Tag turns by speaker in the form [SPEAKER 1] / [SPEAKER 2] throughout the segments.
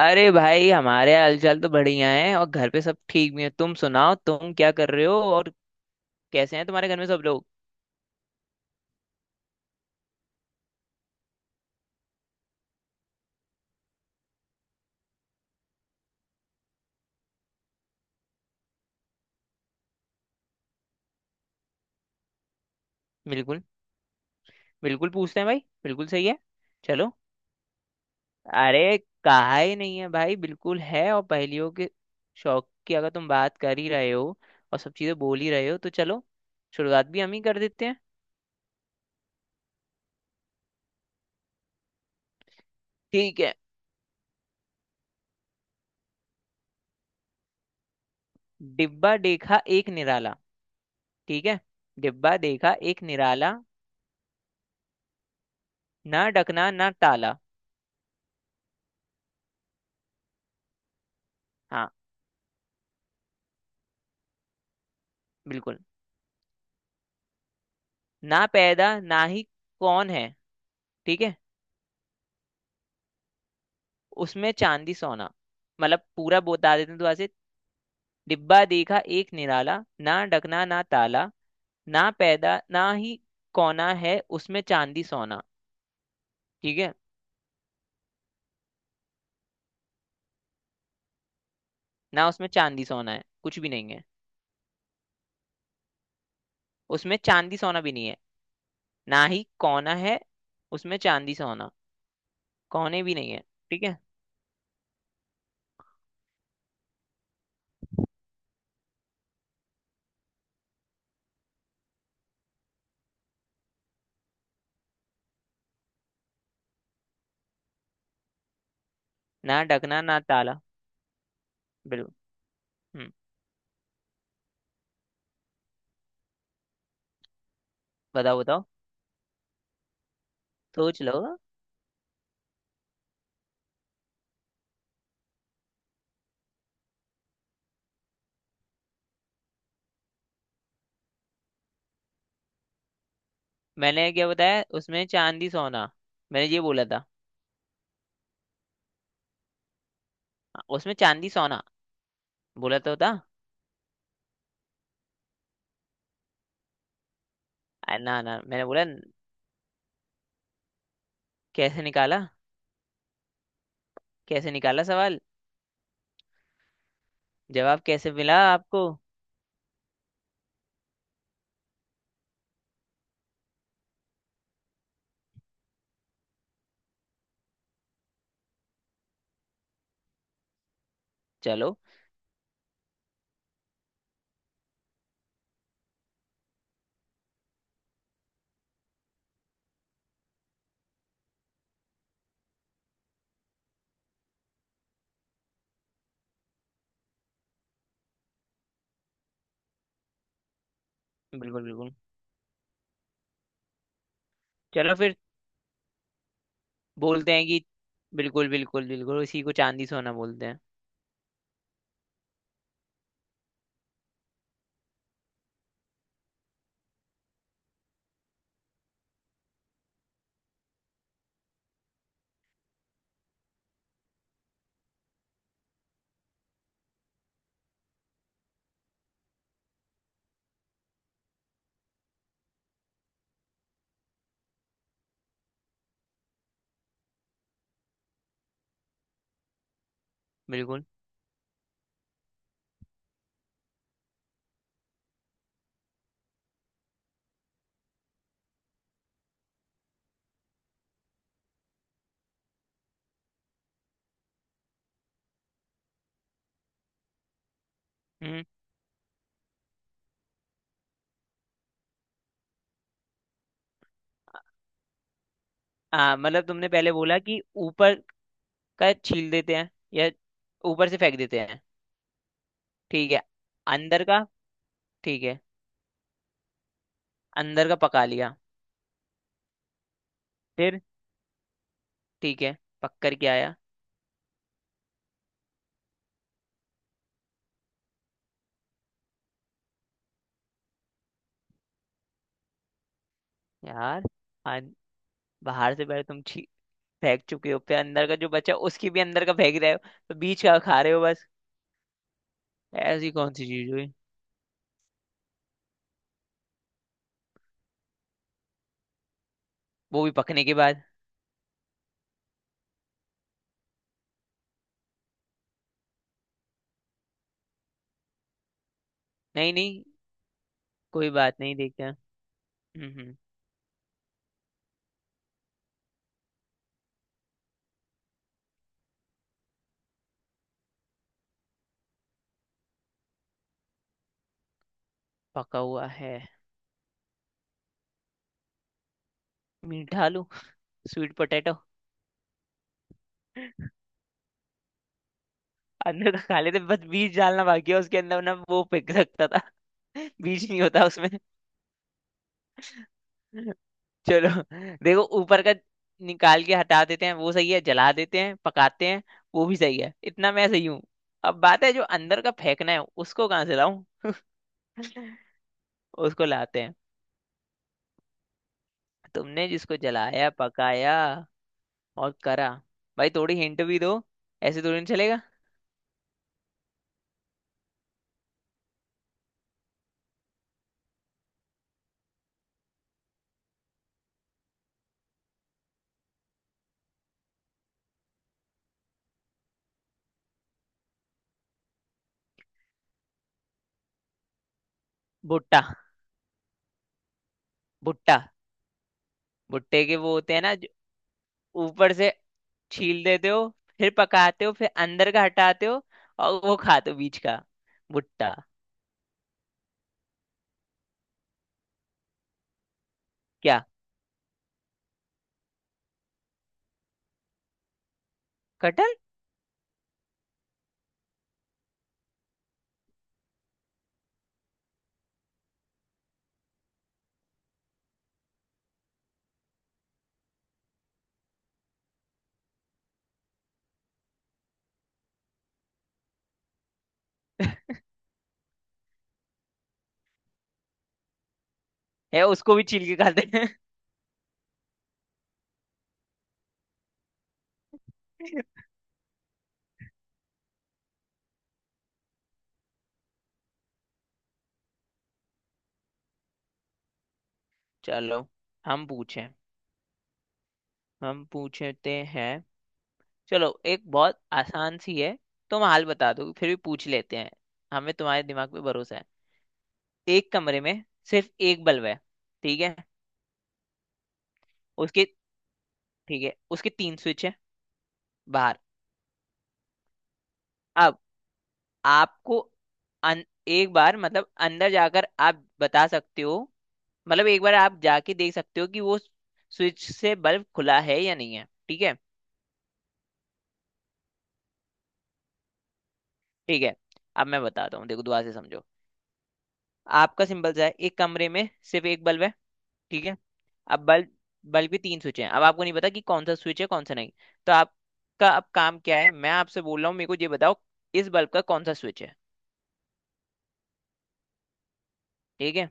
[SPEAKER 1] अरे भाई, हमारे हालचाल तो बढ़िया है और घर पे सब ठीक भी है। तुम सुनाओ, तुम क्या कर रहे हो और कैसे हैं तुम्हारे घर में सब लोग? बिल्कुल, बिल्कुल पूछते हैं भाई, बिल्कुल सही है। चलो। अरे, कहा ही नहीं है भाई, बिल्कुल है। और पहेलियों के शौक की अगर तुम बात कर ही रहे हो और सब चीजें बोल ही रहे हो, तो चलो शुरुआत भी हम ही कर देते हैं। ठीक है। डिब्बा देखा एक निराला। ठीक है। डिब्बा देखा एक निराला, ना डकना ना टाला। हाँ, बिल्कुल। ना पैदा ना ही कौन है। ठीक है। उसमें चांदी सोना। मतलब पूरा बता देते हैं दोबारा से। डिब्बा देखा एक निराला, ना डकना ना ताला, ना पैदा ना ही कोना है, उसमें चांदी सोना। ठीक है। ना उसमें चांदी सोना है, कुछ भी नहीं है। उसमें चांदी सोना भी नहीं है, ना ही कोना है। उसमें चांदी सोना, कोने भी नहीं है। ठीक है। ना डकना ना ताला। बिल्कुल। हम्म। बताओ बताओ, सोच लो। मैंने क्या बताया, उसमें चांदी सोना, मैंने ये बोला था। उसमें चांदी सोना बोला तो था। ना ना, मैंने बोला। कैसे निकाला? कैसे निकाला सवाल? जवाब कैसे मिला आपको? चलो। बिल्कुल बिल्कुल। चलो फिर। बोलते हैं कि बिल्कुल बिल्कुल बिल्कुल, इसी को चांदी सोना बोलते हैं। बिल्कुल। हम्म। हाँ, मतलब तुमने पहले बोला कि ऊपर का छील देते हैं या ऊपर से फेंक देते हैं। ठीक है, अंदर का। ठीक है, अंदर का पका लिया। फिर ठीक है, पक कर के आया। यार, आज बाहर से पहले तुम छी फेंक चुके हो, फिर अंदर का जो बचा उसकी भी अंदर का फेंक रहे हो, तो बीच का खा रहे हो बस। ऐसी कौन सी चीज हुई? वो भी पकने के बाद। नहीं नहीं, कोई बात नहीं, देखते हैं। हम्म। पका हुआ है। मीठा आलू, स्वीट पोटैटो। अंदर का खा लेते, बस बीज डालना बाकी है उसके अंदर ना, वो फेंक सकता था। बीज नहीं होता उसमें। चलो। देखो, ऊपर का निकाल के हटा देते हैं वो सही है, जला देते हैं पकाते हैं वो भी सही है, इतना मैं सही हूँ। अब बात है जो अंदर का फेंकना है, उसको कहाँ से लाऊं? उसको लाते हैं। तुमने जिसको जलाया पकाया और करा। भाई थोड़ी हिंट भी दो, ऐसे थोड़ी नहीं चलेगा। भुट्टा। भुट्टा। भुट्टे के वो होते हैं ना, जो ऊपर से छील देते हो, फिर पकाते हो, फिर अंदर का हटाते हो और वो खाते हो बीच का। भुट्टा। क्या? कटहल? है उसको भी छील के खाते हैं। चलो। हम पूछें? हम पूछते हैं। चलो, एक बहुत आसान सी है। तुम हाल बता दो फिर भी पूछ लेते हैं, हमें तुम्हारे दिमाग पे भरोसा है। एक कमरे में सिर्फ एक बल्ब है। ठीक है। उसके। ठीक है, उसके तीन स्विच है बाहर। अब आपको, एक बार मतलब अंदर जाकर आप बता सकते हो, मतलब एक बार आप जाके देख सकते हो कि वो स्विच से बल्ब खुला है या नहीं है। ठीक है। ठीक है, अब मैं बताता हूँ, देखो दुआ से समझो। आपका सिंपल सा है, एक कमरे में सिर्फ एक बल्ब है। ठीक है। अब बल्ब, बल्ब भी तीन स्विच हैं। अब आपको नहीं पता कि कौन सा स्विच है कौन सा नहीं। तो आपका अब काम क्या है, मैं आपसे बोल रहा हूँ मेरे को ये बताओ, इस बल्ब का कौन सा स्विच है। ठीक है।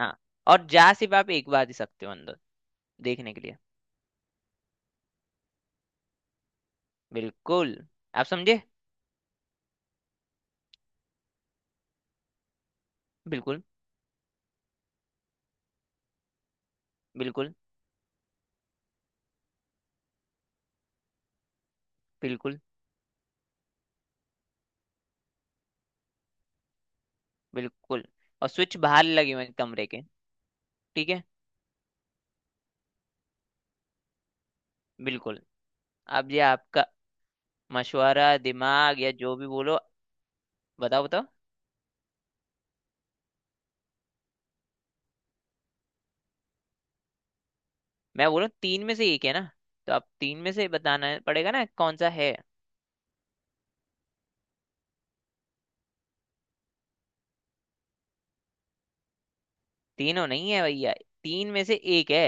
[SPEAKER 1] हाँ। और जा सिर्फ आप एक बार ही सकते हो अंदर देखने के लिए। बिल्कुल। आप समझे? बिल्कुल बिल्कुल बिल्कुल। बिल्कुल, और स्विच बाहर लगे हुए हैं कमरे के। ठीक है। बिल्कुल। अब ये आपका मशवरा, दिमाग, या जो भी बोलो। बताओ बताओ। मैं बोलूँ तीन में से एक है ना, तो आप तीन में से बताना पड़ेगा ना कौन सा है। तीनों नहीं है भैया, तीन में से एक है।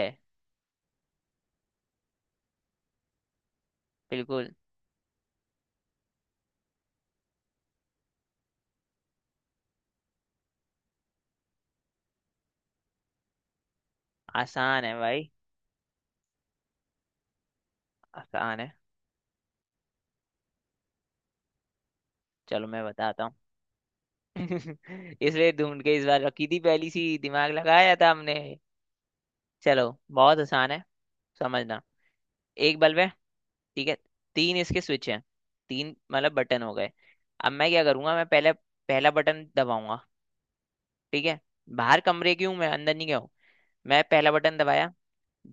[SPEAKER 1] बिल्कुल। आसान है भाई। आसान है। चलो मैं बताता हूँ। इसलिए ढूंढ के इस बार रखी थी, पहली सी दिमाग लगाया था हमने। चलो। बहुत आसान है, समझना। एक बल्ब है, ठीक है। तीन इसके स्विच हैं, तीन मतलब बटन हो गए। अब मैं क्या करूंगा, मैं पहले पहला बटन दबाऊंगा। ठीक है। बाहर कमरे की हूं मैं, अंदर नहीं गया हूं। मैं पहला बटन दबाया,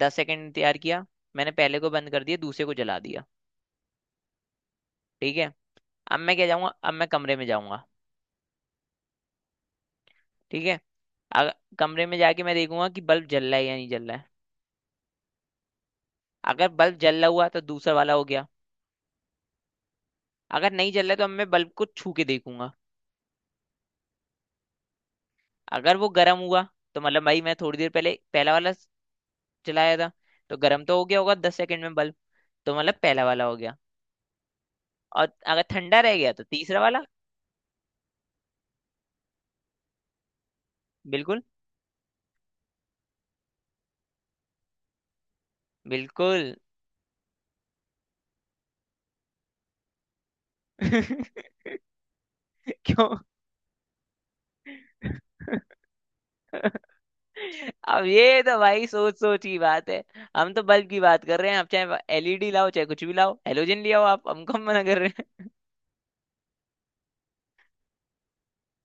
[SPEAKER 1] 10 सेकंड इंतजार किया। मैंने पहले को बंद कर दिया, दूसरे को जला दिया। ठीक है। अब मैं क्या जाऊंगा, अब मैं कमरे में जाऊंगा। ठीक है। अगर कमरे में जाके मैं देखूंगा कि बल्ब जल रहा है या नहीं जल रहा है। अगर बल्ब जल रहा हुआ तो दूसरा वाला हो गया। अगर नहीं जल रहा है, तो अब मैं बल्ब को छू के देखूंगा। अगर वो गर्म हुआ, तो मतलब भाई मैं थोड़ी देर पहले पहला वाला चलाया था, तो गर्म तो हो गया होगा 10 सेकंड में बल्ब, तो मतलब पहला वाला हो गया। और अगर ठंडा रह गया तो तीसरा वाला। बिल्कुल बिल्कुल। क्यों? अब ये तो भाई सोच सोच की बात है। हम तो बल्ब की बात कर रहे हैं, आप चाहे एलईडी लाओ, चाहे कुछ भी लाओ, हेलोजन ले आओ, आप हमको हम कम मना कर रहे हैं।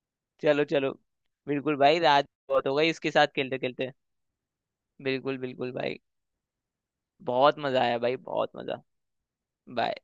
[SPEAKER 1] चलो चलो। बिल्कुल भाई, रात बहुत हो गई इसके साथ खेलते खेलते। बिल्कुल बिल्कुल भाई, बहुत मजा आया भाई, बहुत मजा। बाय।